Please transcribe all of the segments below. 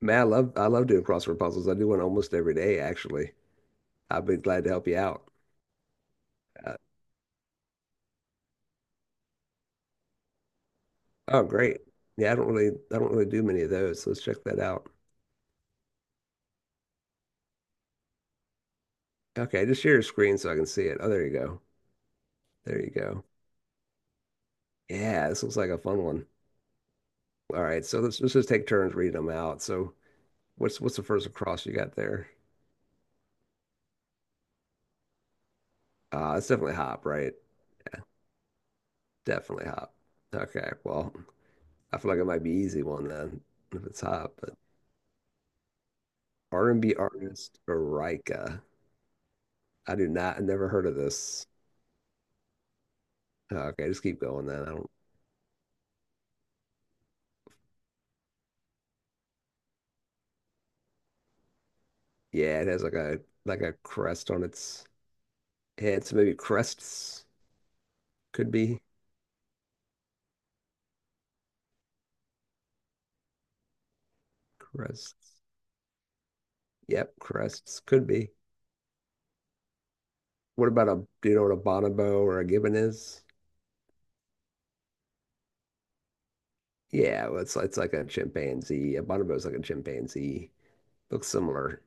Man, I love doing crossword puzzles. I do one almost every day, actually. I'd be glad to help you out. Uh, oh, great. Yeah, I don't really do many of those. So let's check that out. Okay, just share your screen so I can see it. Oh, there you go. There you go. Yeah, this looks like a fun one. All right, so let's just take turns reading them out. So what's the first across you got there? It's definitely hop, right? Definitely hop. Okay, well, I feel like it might be easy one then if it's hop, but R&B artist Erykah. I do not, I never heard of this. Oh, okay, just keep going then. I don't. Yeah, it has like a crest on its head, so maybe crests could be crests. Yep, crests could be. What about a do you know what a bonobo or a gibbon is? Yeah, well, it's like a chimpanzee. A bonobo is like a chimpanzee. Looks similar,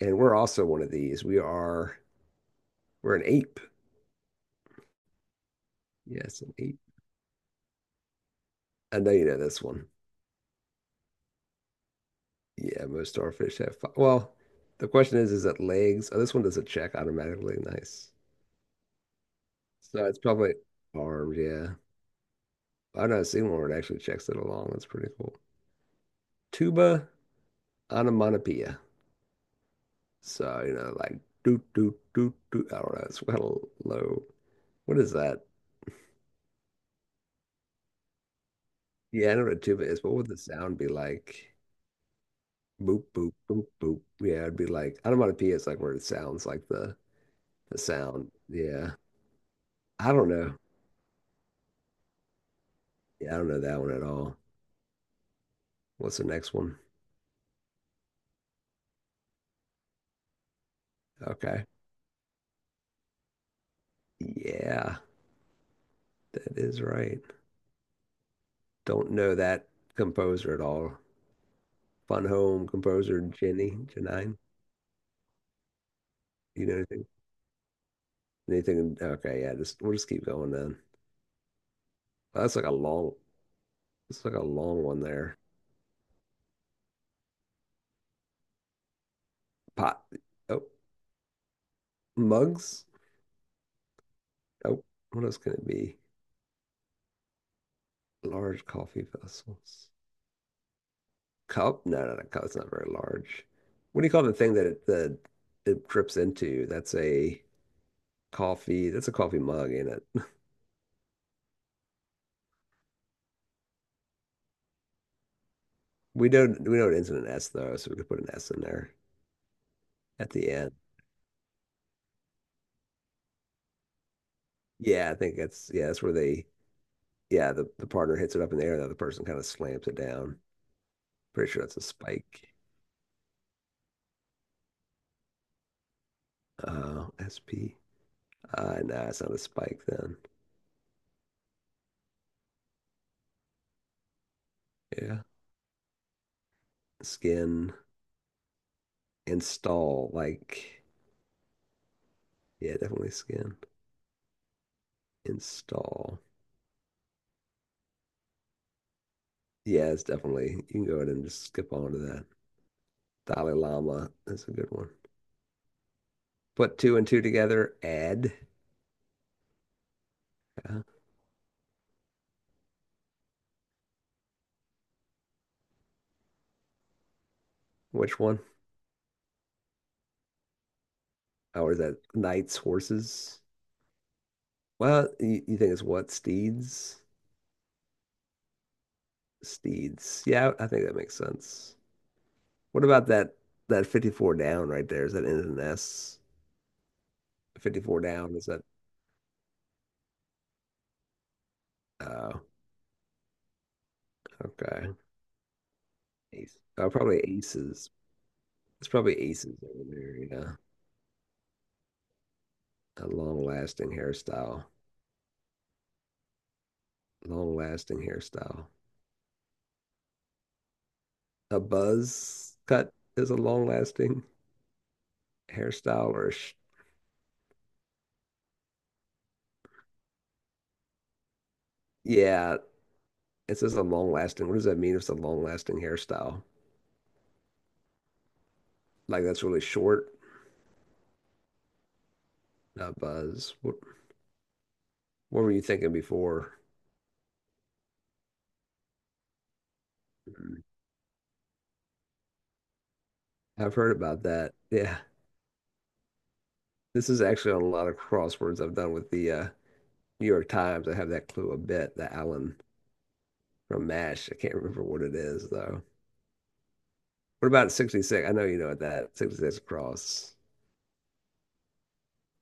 and we're also one of these. We're an ape. Yes, an ape. I know you know this one. Yeah, most starfish have. Fi- Well, the question is it legs? Oh, this one does a check automatically. Nice. So it's probably armed, yeah. I know Seymour actually checks it along. That's pretty cool. Tuba onomatopoeia. So, you know, like do do do do. I don't know. It's kind of low. What is that? Yeah, I know what a tuba is, but what would the sound be like? Boop boop boop boop. Yeah, it'd be like onomatopoeia is like where it sounds like the sound. Yeah. I don't know. Yeah, I don't know that one at all. What's the next one? Okay. Yeah, that is right. Don't know that composer at all. Fun Home composer Jenny Janine. Do you know anything? Anything? Okay, yeah. Just we'll just keep going then. Oh, that's like a long. It's like a long one there. Pot. Oh, mugs. Oh, what else can it be? Large coffee vessels. Cup? No, no, no. Cup. It's not very large. What do you call the thing that it the it drips into? That's a coffee. That's a coffee mug, ain't it? We don't. We know it ends in an S though, so we could put an S in there at the end. Yeah, I think that's yeah. That's where they yeah, the partner hits it up in the air. The other person kind of slams it down. Pretty sure that's a spike. SP. Nah, it's not a spike then. Yeah. Skin. Install. Like, yeah, definitely skin. Install. Yeah, it's definitely. You can go ahead and just skip on to that. Dalai Lama. That's a good one. Put two and two together. Add. Uh, which one? Or is that knights, horses? Well, you think it's what? Steeds? Steeds. Yeah, I think that makes sense. What about that 54 down right there? Is that N and S? 54 down, is that oh, okay. Ace. Oh, probably aces. It's probably aces over there, yeah. A long lasting hairstyle. Long lasting hairstyle. A buzz cut is a long lasting hairstyle or sh yeah, it says a long lasting. What does that mean if it's a long lasting hairstyle? Like that's really short, not buzz. What were you thinking before? Hmm, I've heard about that. Yeah. This is actually on a lot of crosswords I've done with the New York Times. I have that clue a bit, the Alan from MASH. I can't remember what it is though. What about 66? I know you know what that 66 cross.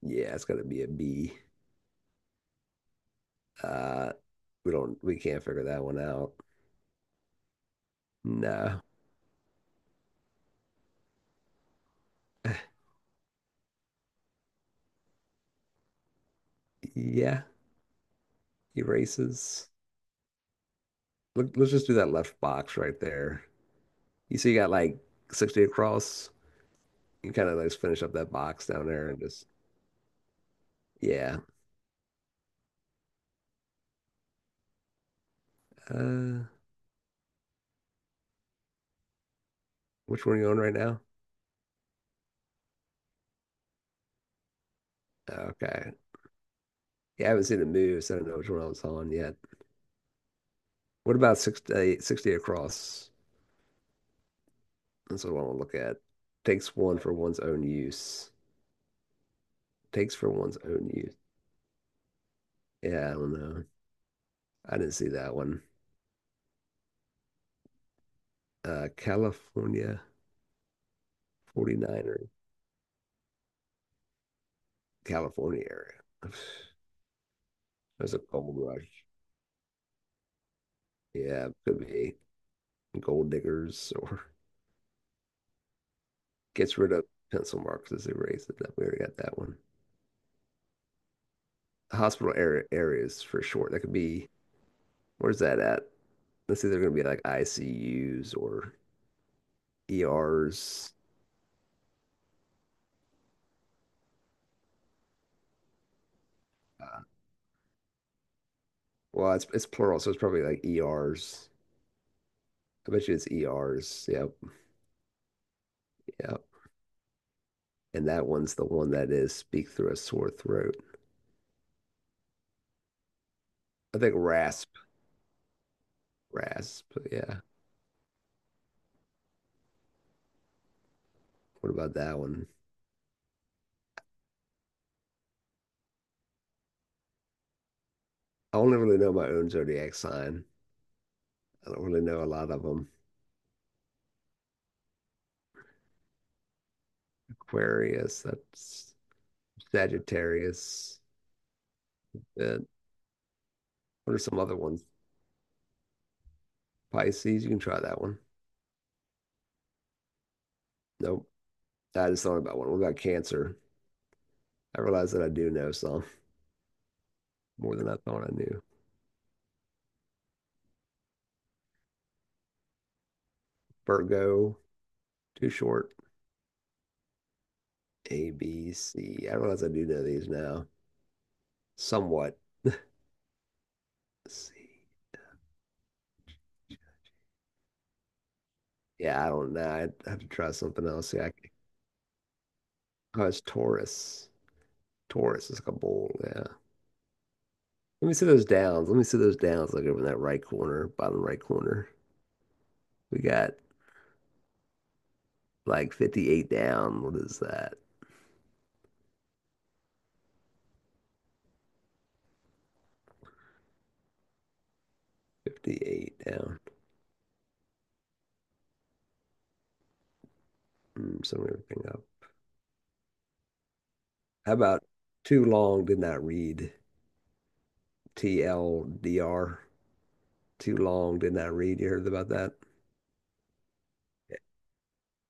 Yeah, it's gonna be a B. Uh, we can't figure that one out. No. Yeah, erases. Look. Let's just do that left box right there. You see, you got like 60 across. You kind of like finish up that box down there and just, yeah. Uh, which one are you on right now? Okay. Yeah, I haven't seen it move, so I don't know which one I was on yet. What about 60-60 across? That's what I want to look at. Takes one for one's own use. Takes for one's own use. Yeah, I don't know. I didn't see that one. California 49er. California area. There's a gold rush. Yeah, could be gold diggers or gets rid of pencil marks as they erase it. We already got that one. Hospital area areas for short. That could be where's that at? Let's say they're going to be like ICUs or ERs. Uh, well, it's plural, so it's probably like ERs. I bet you it's ERs. Yep, yep. And that one's the one that is speak through a sore throat. I think rasp, rasp. Yeah. What about that one? I only really know my own zodiac sign. I don't really know a lot of them. Aquarius, that's Sagittarius. And what are some other ones? Pisces, you can try that one. Nope. I just thought about one. What about Cancer? I realize that I do know some. More than I thought I knew. Virgo, too short. A, B, C. I realize I do know these now somewhat. C. Yeah, I don't know. I'd have to try something else. Oh, it's Taurus. Taurus is like a bull. Yeah. Let me see those downs. Let me see those downs. Like over in that right corner, bottom right corner. We got like 58 down. What is that? 58 down. Mm, summing everything up. How about too long did not read TLDR? Too long did not read. You heard about that?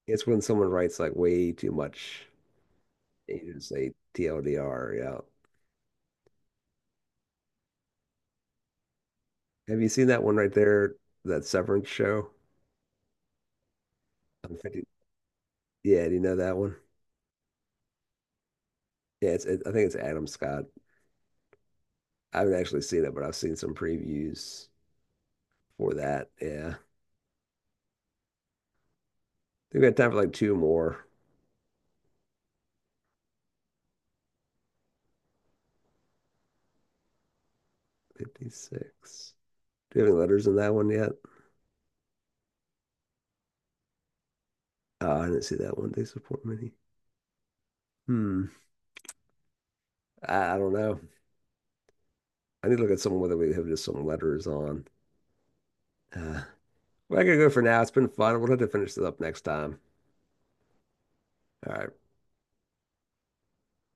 It's when someone writes like way too much. You just say TLDR. Yeah. Have you seen that one right there? That Severance show? I'm 50. Yeah. Do you know that one? Yeah. It's, it, I think it's Adam Scott. I haven't actually seen it, but I've seen some previews for that. Yeah. We've got time for like two more. 56. Do you have any letters in that one yet? Oh, I didn't see that one. They support many. Hmm. I don't know. I need to look at someone whether we have just some letters on. Uh, Well, I gotta go for now. It's been fun. We'll have to finish this up next time. All right.